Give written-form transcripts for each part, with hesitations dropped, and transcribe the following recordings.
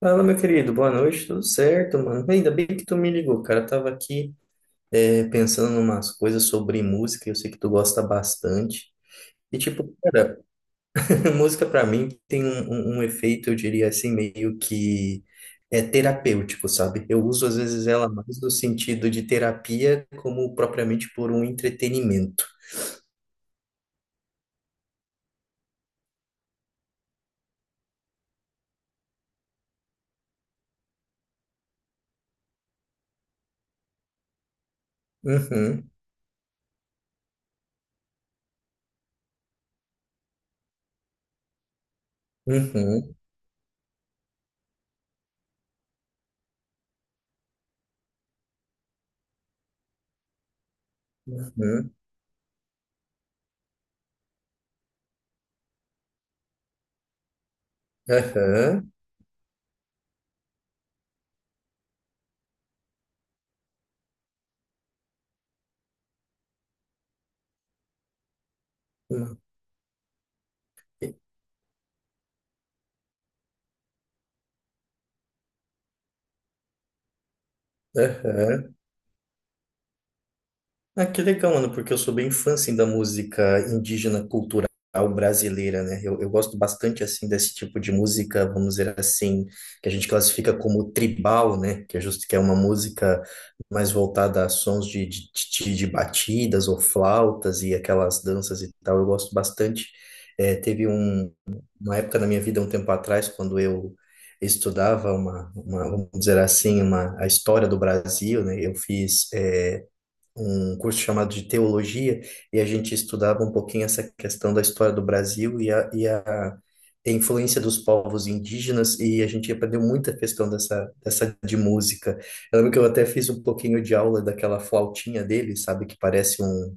Fala, meu querido, boa noite, tudo certo, mano? Ainda bem que tu me ligou, cara. Eu tava aqui pensando em umas coisas sobre música, eu sei que tu gosta bastante. E, tipo, cara, música pra mim tem um efeito, eu diria assim, meio que terapêutico, sabe? Eu uso às vezes ela mais no sentido de terapia, como propriamente por um entretenimento. Uhum, uhum, uhum, aham, uhum, aham. Ah, que legal, mano, porque eu sou bem fã, assim, da música indígena cultural brasileira, né? Eu gosto bastante, assim, desse tipo de música, vamos dizer assim, que a gente classifica como tribal, né? Que é justo que é uma música mais voltada a sons de batidas ou flautas e aquelas danças e tal. Eu gosto bastante. Eh, teve um, uma época na minha vida, um tempo atrás, quando eu estudava uma, vamos dizer assim, uma, a história do Brasil, né? Eu fiz um curso chamado de teologia e a gente estudava um pouquinho essa questão da história do Brasil e a influência dos povos indígenas e a gente aprendeu muita questão dessa de música. Eu lembro que eu até fiz um pouquinho de aula daquela flautinha dele, sabe, que parece um,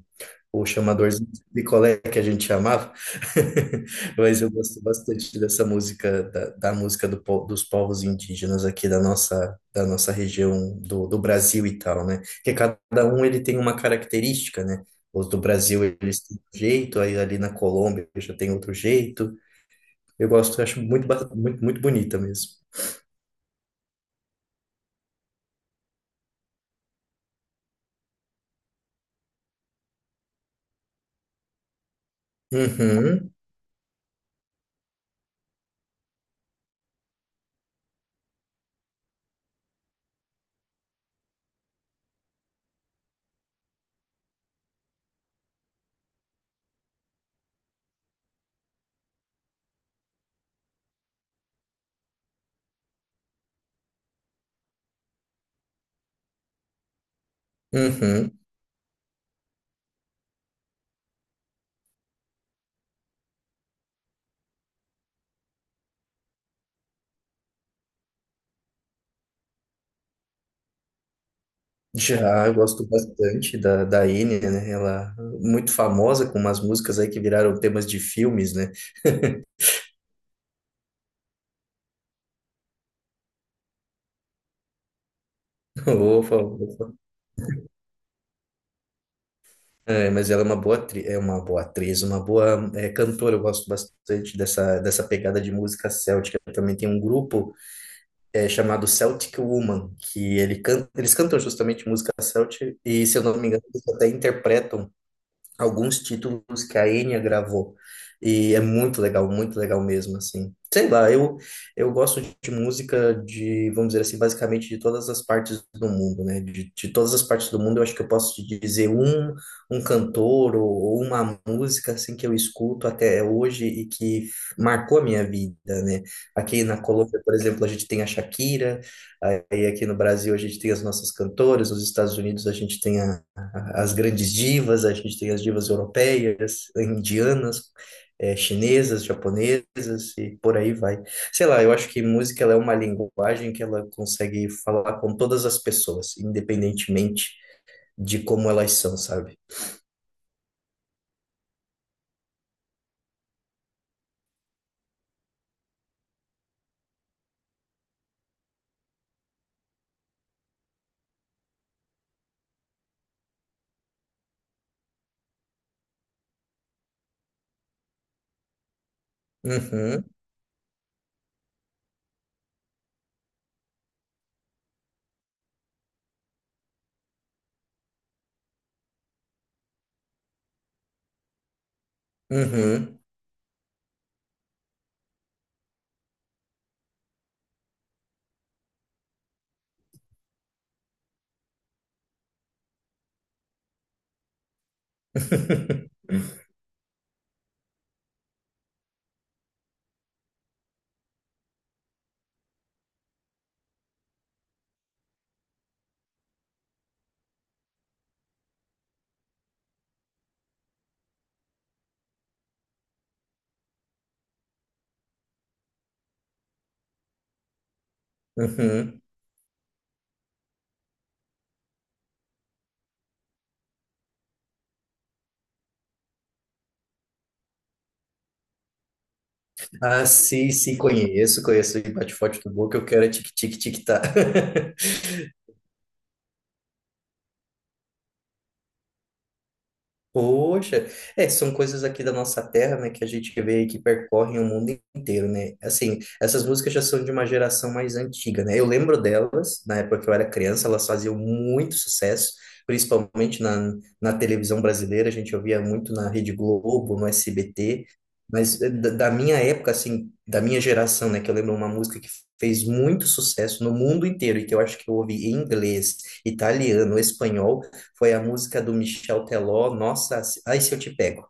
o chamadorzinho de picolé que a gente chamava, mas eu gosto bastante dessa música, da música dos povos indígenas aqui da nossa região do Brasil e tal, né? Porque cada um ele tem uma característica, né? Os do Brasil eles têm um jeito, aí ali na Colômbia já tem outro jeito. Eu gosto, eu acho muito, muito, muito bonita mesmo. Uhum, uhum. Já, eu gosto bastante da Enya, né? Ela é muito famosa com umas músicas aí que viraram temas de filmes, né? Ufa, ufa. É, mas ela é uma boa é uma boa atriz, uma boa cantora. Eu gosto bastante dessa, dessa pegada de música céltica. Também tem um grupo chamado Celtic Woman, que eles cantam justamente música céltica, e se eu não me engano, eles até interpretam alguns títulos que a Enya gravou. E é muito legal mesmo, assim. Sei lá, eu gosto de música de, vamos dizer assim, basicamente de todas as partes do mundo, né? De todas as partes do mundo, eu acho que eu posso te dizer um, um cantor ou uma música, assim, que eu escuto até hoje e que marcou a minha vida, né? Aqui na Colômbia, por exemplo, a gente tem a Shakira, aí aqui no Brasil a gente tem as nossas cantoras, nos Estados Unidos a gente tem a as grandes divas, a gente tem as divas europeias, indianas, chinesas, japonesas e por aí vai. Sei lá, eu acho que música ela é uma linguagem que ela consegue falar com todas as pessoas, independentemente de como elas são, sabe? Uhum, uhum. Uhum. Ah, sim, sim, conheço, conheço. E bate forte do boca, eu quero é tic-tic-tic-tá. Poxa, é, são coisas aqui da nossa terra, né, que a gente vê e que percorrem o mundo inteiro, né? Assim, essas músicas já são de uma geração mais antiga, né? Eu lembro delas, na época que eu era criança, elas faziam muito sucesso, principalmente na televisão brasileira, a gente ouvia muito na Rede Globo, no SBT, mas da minha época, assim, da minha geração, né, que eu lembro uma música que fez muito sucesso no mundo inteiro e que eu acho que eu ouvi em inglês, italiano, espanhol, foi a música do Michel Teló, Nossa, Ai Se Eu Te Pego.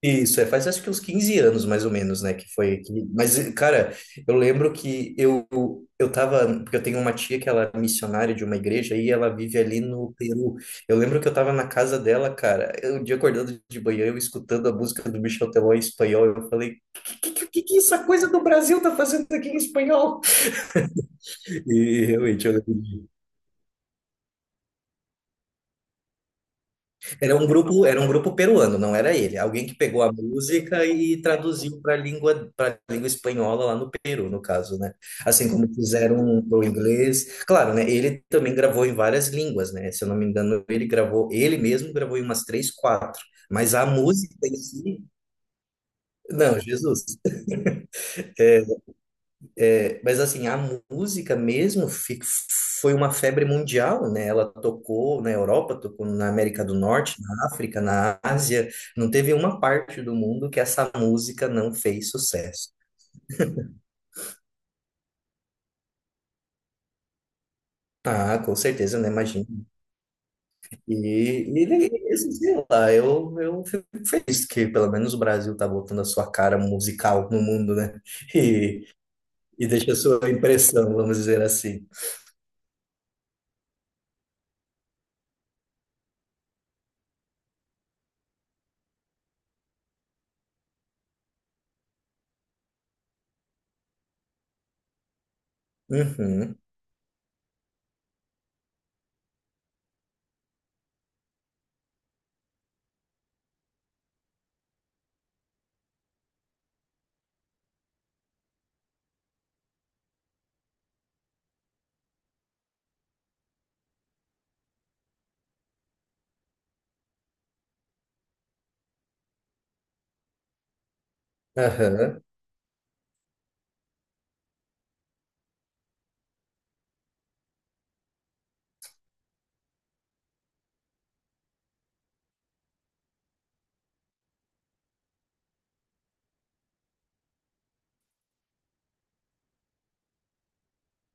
Isso, é, faz acho que uns 15 anos mais ou menos, né, mas, cara, eu lembro que eu tava, porque eu tenho uma tia que ela é missionária de uma igreja e ela vive ali no Peru, eu lembro que eu tava na casa dela, cara, eu, um dia acordando de manhã, eu escutando a música do Michel Teló em espanhol, eu falei, que essa coisa do Brasil tá fazendo aqui em espanhol? E realmente, eu lembro era um grupo, era um grupo peruano, não era ele. Alguém que pegou a música e traduziu para língua espanhola lá no Peru, no caso, né? Assim como fizeram o inglês. Claro, né? Ele também gravou em várias línguas, né? Se eu não me engano, ele mesmo gravou em umas três, quatro. Mas a música em si, não, Jesus. É, mas assim, a música mesmo foi uma febre mundial, né? Ela tocou na Europa, tocou na América do Norte, na África, na Ásia. Não teve uma parte do mundo que essa música não fez sucesso. Ah, com certeza, né? Imagina. E, e e assim, sei lá, eu fico feliz que pelo menos o Brasil tá voltando a sua cara musical no mundo, né? E, e deixa a sua impressão, vamos dizer assim. Uhum, aham,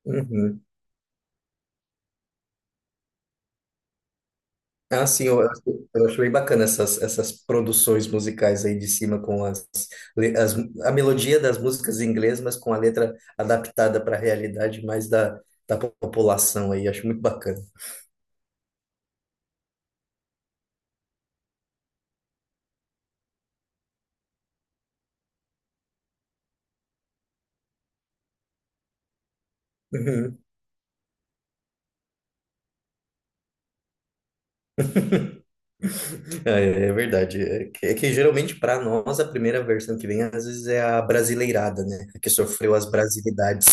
uhum. Ah, sim, eu acho bem bacana essas, essas produções musicais aí de cima com as, le- as a melodia das músicas em inglês, mas com a letra adaptada para a realidade mais da população aí, acho muito bacana. Uhum. É, é verdade. É que geralmente para nós a primeira versão que vem às vezes é a brasileirada, né? A que sofreu as brasilidades.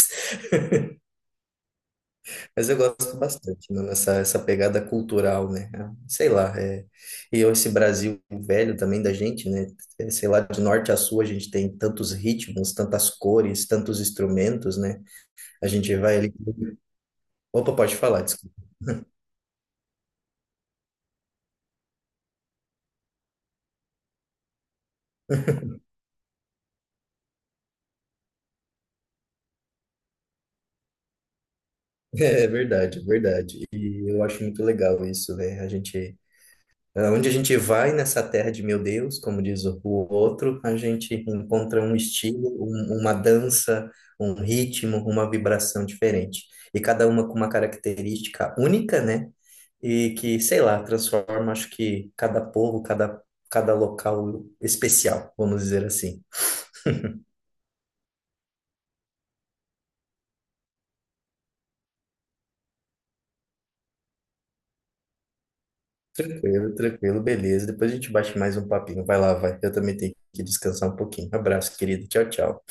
Mas eu gosto bastante, mano, essa pegada cultural, né? Ah, sei lá, é... e eu, esse Brasil velho também da gente, né? É, sei lá, de norte a sul a gente tem tantos ritmos, tantas cores, tantos instrumentos, né? A gente vai ali... Opa, pode falar, desculpa. É verdade, é verdade. E eu acho muito legal isso, né? A gente ah, onde a gente vai nessa terra de meu Deus, como diz o outro, a gente encontra um estilo, uma dança, um ritmo, uma vibração diferente. E cada uma com uma característica única, né? E que, sei lá, transforma, acho que cada povo, cada, cada local especial, vamos dizer assim. Tranquilo, tranquilo, beleza. Depois a gente bate mais um papinho. Vai lá, vai. Eu também tenho que descansar um pouquinho. Abraço, querido. Tchau, tchau.